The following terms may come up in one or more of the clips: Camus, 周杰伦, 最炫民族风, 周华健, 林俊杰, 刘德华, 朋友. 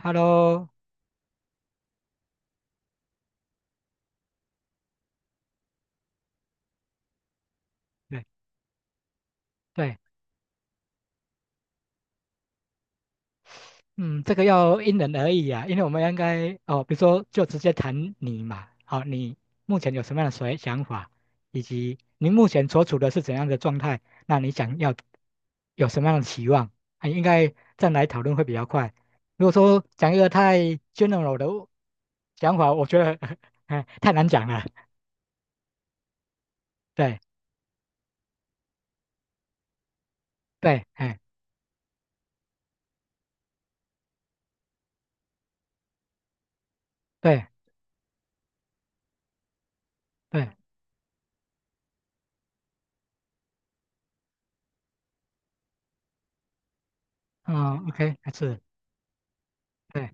Hello，对对，嗯，这个要因人而异啊。因为我们应该哦，比如说就直接谈你嘛，好、你目前有什么样的所想法，以及你目前所处的是怎样的状态，那你想要有什么样的期望，啊，应该这样来讨论会比较快。如果说讲一个太 general 的想法，我觉得 哎太难讲了。对对，哎对对，嗯，OK，还是。对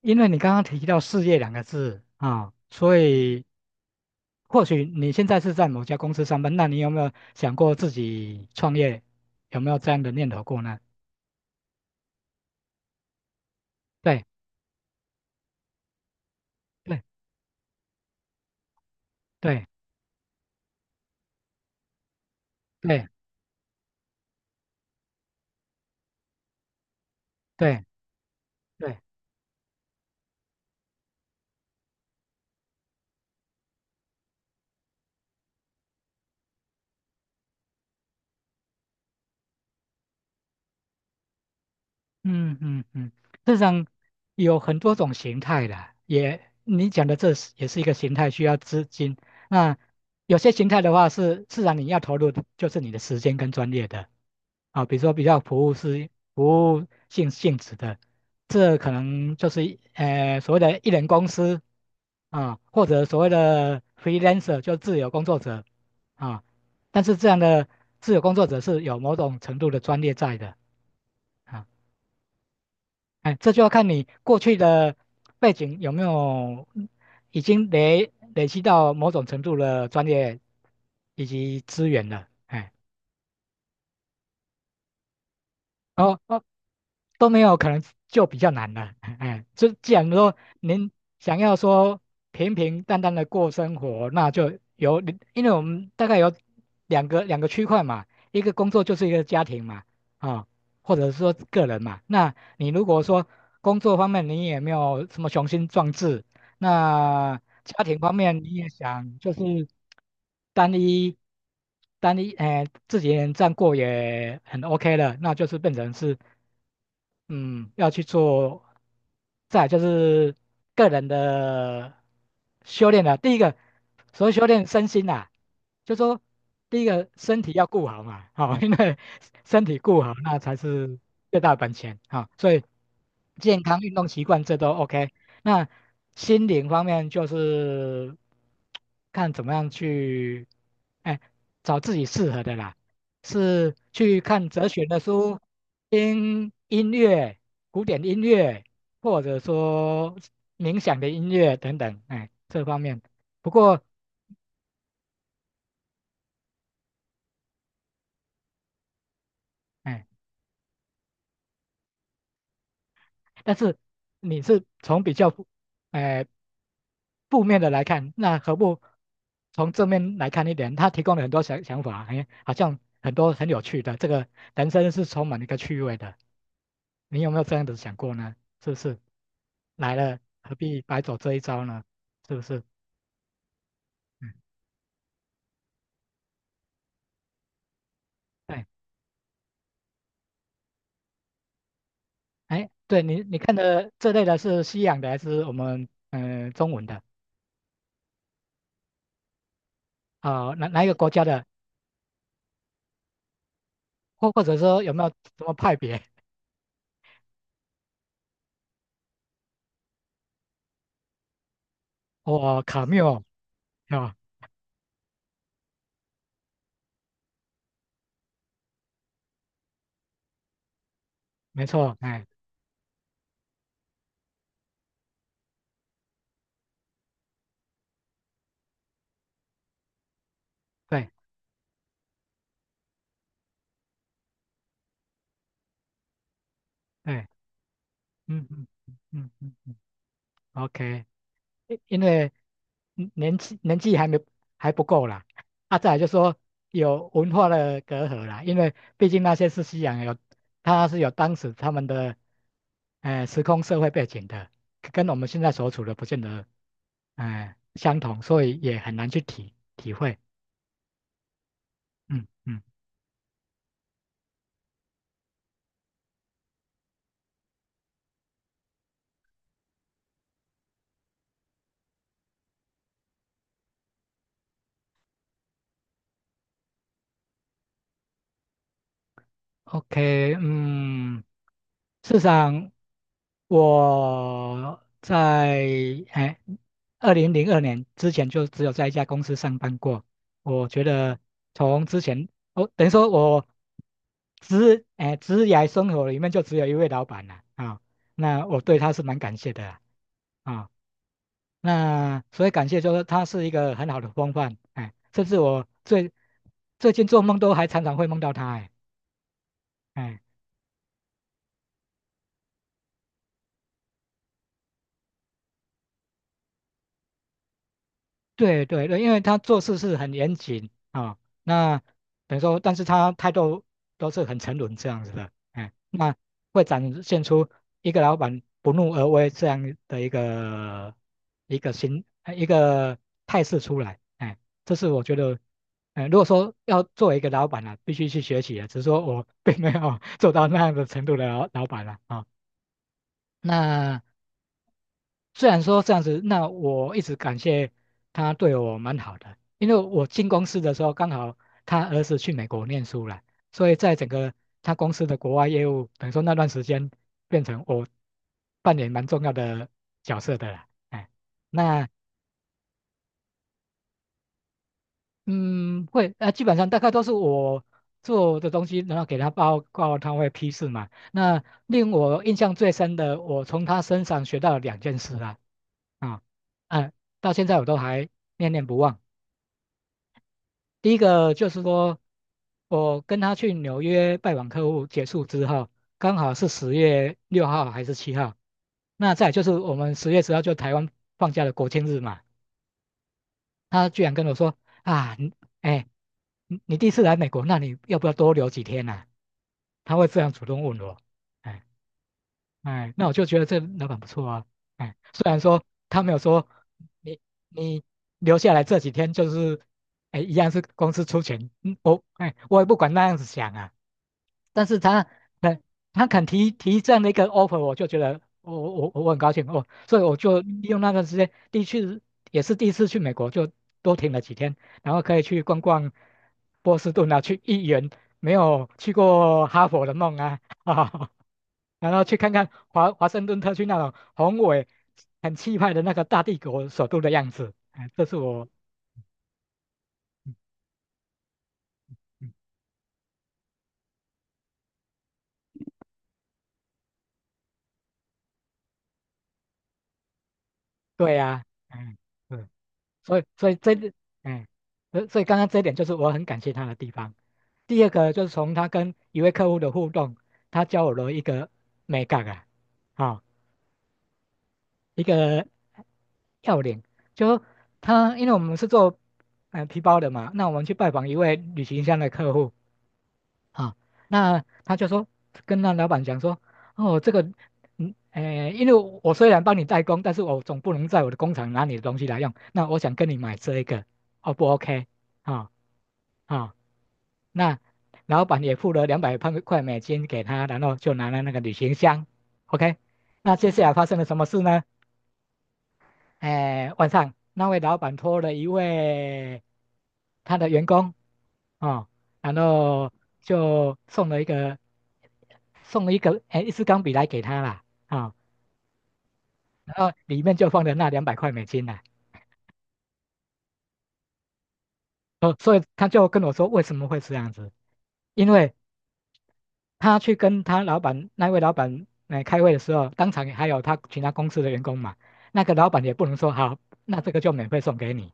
因为你刚刚提到事业两个字啊，所以或许你现在是在某家公司上班，那你有没有想过自己创业？有没有这样的念头过呢？对对对对对对嗯嗯嗯，市场有很多种形态的，也你讲的这是也是一个形态，需要资金。那有些形态的话是自然你要投入的就是你的时间跟专业的啊，比如说比较服务是服务性质的，这可能就是所谓的艺人公司啊，或者所谓的 freelancer 就自由工作者啊，但是这样的自由工作者是有某种程度的专业在的。啊。哎，这就要看你过去的背景有没有已经累积到某种程度的专业以及资源了。哎，哦哦，都没有，可能就比较难了。哎，就既然说您想要说平平淡淡的过生活，那就有，因为我们大概有两个区块嘛，一个工作就是一个家庭嘛，啊、或者是说个人嘛。那你如果说工作方面你也没有什么雄心壮志，那家庭方面你也想就是单一单一，哎、自己一个人这样过也很 OK 了，那就是变成是。嗯，要去做，再来就是个人的修炼了。第一个，所谓修炼身心啊，就说第一个身体要顾好嘛，好、因为身体顾好，那才是最大的本钱啊、所以健康、运动习惯这都 OK。那心灵方面就是看怎么样去，哎，找自己适合的啦。是去看哲学的书，听音乐、古典音乐，或者说冥想的音乐等等，哎，这方面。不过，哎，但是你是从比较负，哎，负面的来看，那何不从正面来看一点？他提供了很多想法，哎，好像很多很有趣的，这个人生是充满一个趣味的。你有没有这样子想过呢？是不是？来了，何必白走这一招呢？是不是？嗯哎哎，对你看的这类的是西洋的还是我们中文的啊、哪一个国家的，或者说有没有什么派别？哦，卡缪啊、没错，哎，对对，嗯嗯嗯嗯嗯嗯，OK。因为年纪还不够啦，啊，再来就说有文化的隔阂啦，因为毕竟那些是西洋有，他是有当时他们的，时空社会背景的，跟我们现在所处的不见得，相同，所以也很难去体会，嗯嗯。OK，事实上我在哎2002年之前就只有在一家公司上班过。我觉得从之前，哦，等于说我职涯生活里面就只有一位老板了啊，那我对他是蛮感谢的啦啊。那所以感谢就是他是一个很好的风范，哎，甚至我最近做梦都还常常会梦到他，哎。哎对对对，因为他做事是很严谨啊、那等于说，但是他态度都是很沉稳这样子的，哎，那会展现出一个老板不怒而威这样的一个态势出来，哎，这是我觉得，哎，如果说要作为一个老板啊，必须去学习啊。只是说我并没有 做到那样的程度的老板了啊、那虽然说这样子，那我一直感谢他对我蛮好的，因为我进公司的时候刚好他儿子去美国念书了，所以在整个他公司的国外业务，等于说那段时间变成我扮演蛮重要的角色的了。哎，那基本上大概都是我做的东西，然后给他报告，他会批示嘛。那令我印象最深的，我从他身上学到了两件事啦，啊，嗯、到现在我都还念念不忘。第一个就是说，我跟他去纽约拜访客户结束之后，刚好是10月6号还是7号，那再来就是我们10月10号就台湾放假的国庆日嘛。他居然跟我说啊，你哎，你你第一次来美国，那你要不要多留几天呢、啊他会这样主动问我，哎哎，那我就觉得这老板不错啊。哎，虽然说他没有说你你留下来这几天就是，哎，一样是公司出钱，我也不管那样子想啊。但是他肯肯提这样的一个 offer，我就觉得我很高兴哦，所以我就利用那段时间，第一次也是第一次去美国，就多停了几天，然后可以去逛逛波士顿啊，去一圆没有去过哈佛的梦啊，然后去看看华盛顿特区那种宏伟、很气派的那个大帝国首都的样子。哎，这是我，嗯嗯，对呀、嗯，嗯，所以这，哎，所以刚刚这一点就是我很感谢他的地方。第二个就是从他跟一位客户的互动，他教我了一个美感啊，啊、一个要领，就说他因为我们是做皮包的嘛，那我们去拜访一位旅行箱的客户。啊，那他就说跟那老板讲说，哦，这个，因为我虽然帮你代工，但是我总不能在我的工厂拿你的东西来用，那我想跟你买这一个，O 不 OK？啊啊，那老板也付了两百块美金给他，然后就拿了那个旅行箱，OK？那接下来发生了什么事呢？诶，晚上那位老板托了一位。他的员工啊、然后就送了一个送了一个哎一支钢笔来给他啦啊、然后里面就放了那两百块美金啦。哦，所以他就跟我说为什么会这样子，因为他去跟他老板那位老板来开会的时候，当场还有他其他公司的员工嘛，那个老板也不能说好，那这个就免费送给你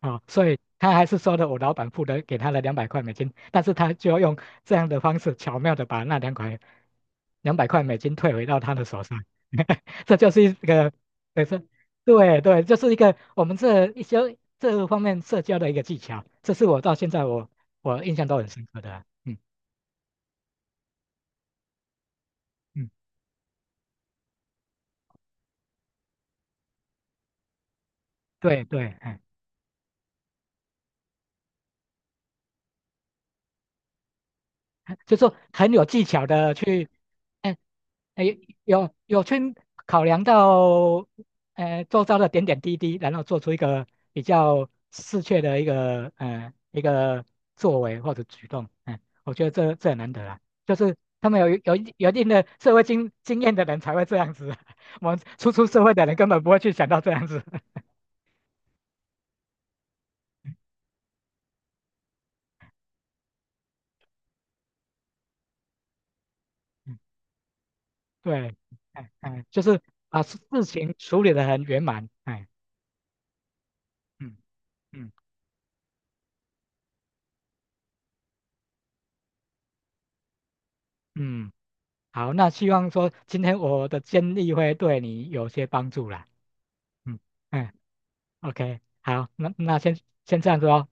啊、所以他还是说的，我老板付的给他的两百块美金，但是他就要用这样的方式巧妙的把那两百块美金退回到他的手上，这就是一个，对，这对对，就是一个我们这一些这方面社交的一个技巧，这是我到现在我印象都很深刻的啊嗯嗯，对对，嗯。就是说很有技巧的去，哎、哎、有去考量到，周遭的点点滴滴，然后做出一个比较适切的一个，一个作为或者举动，我觉得这很难得啊，就是他们有一定的社会经验的人才会这样子，我们初出社会的人根本不会去想到这样子，嗯对，哎哎，就是把事情处理得很圆满，哎，嗯嗯嗯。好，那希望说今天我的建议会对你有些帮助啦。嗯嗯，OK，好，那那先这样子哦。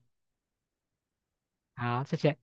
好，谢谢。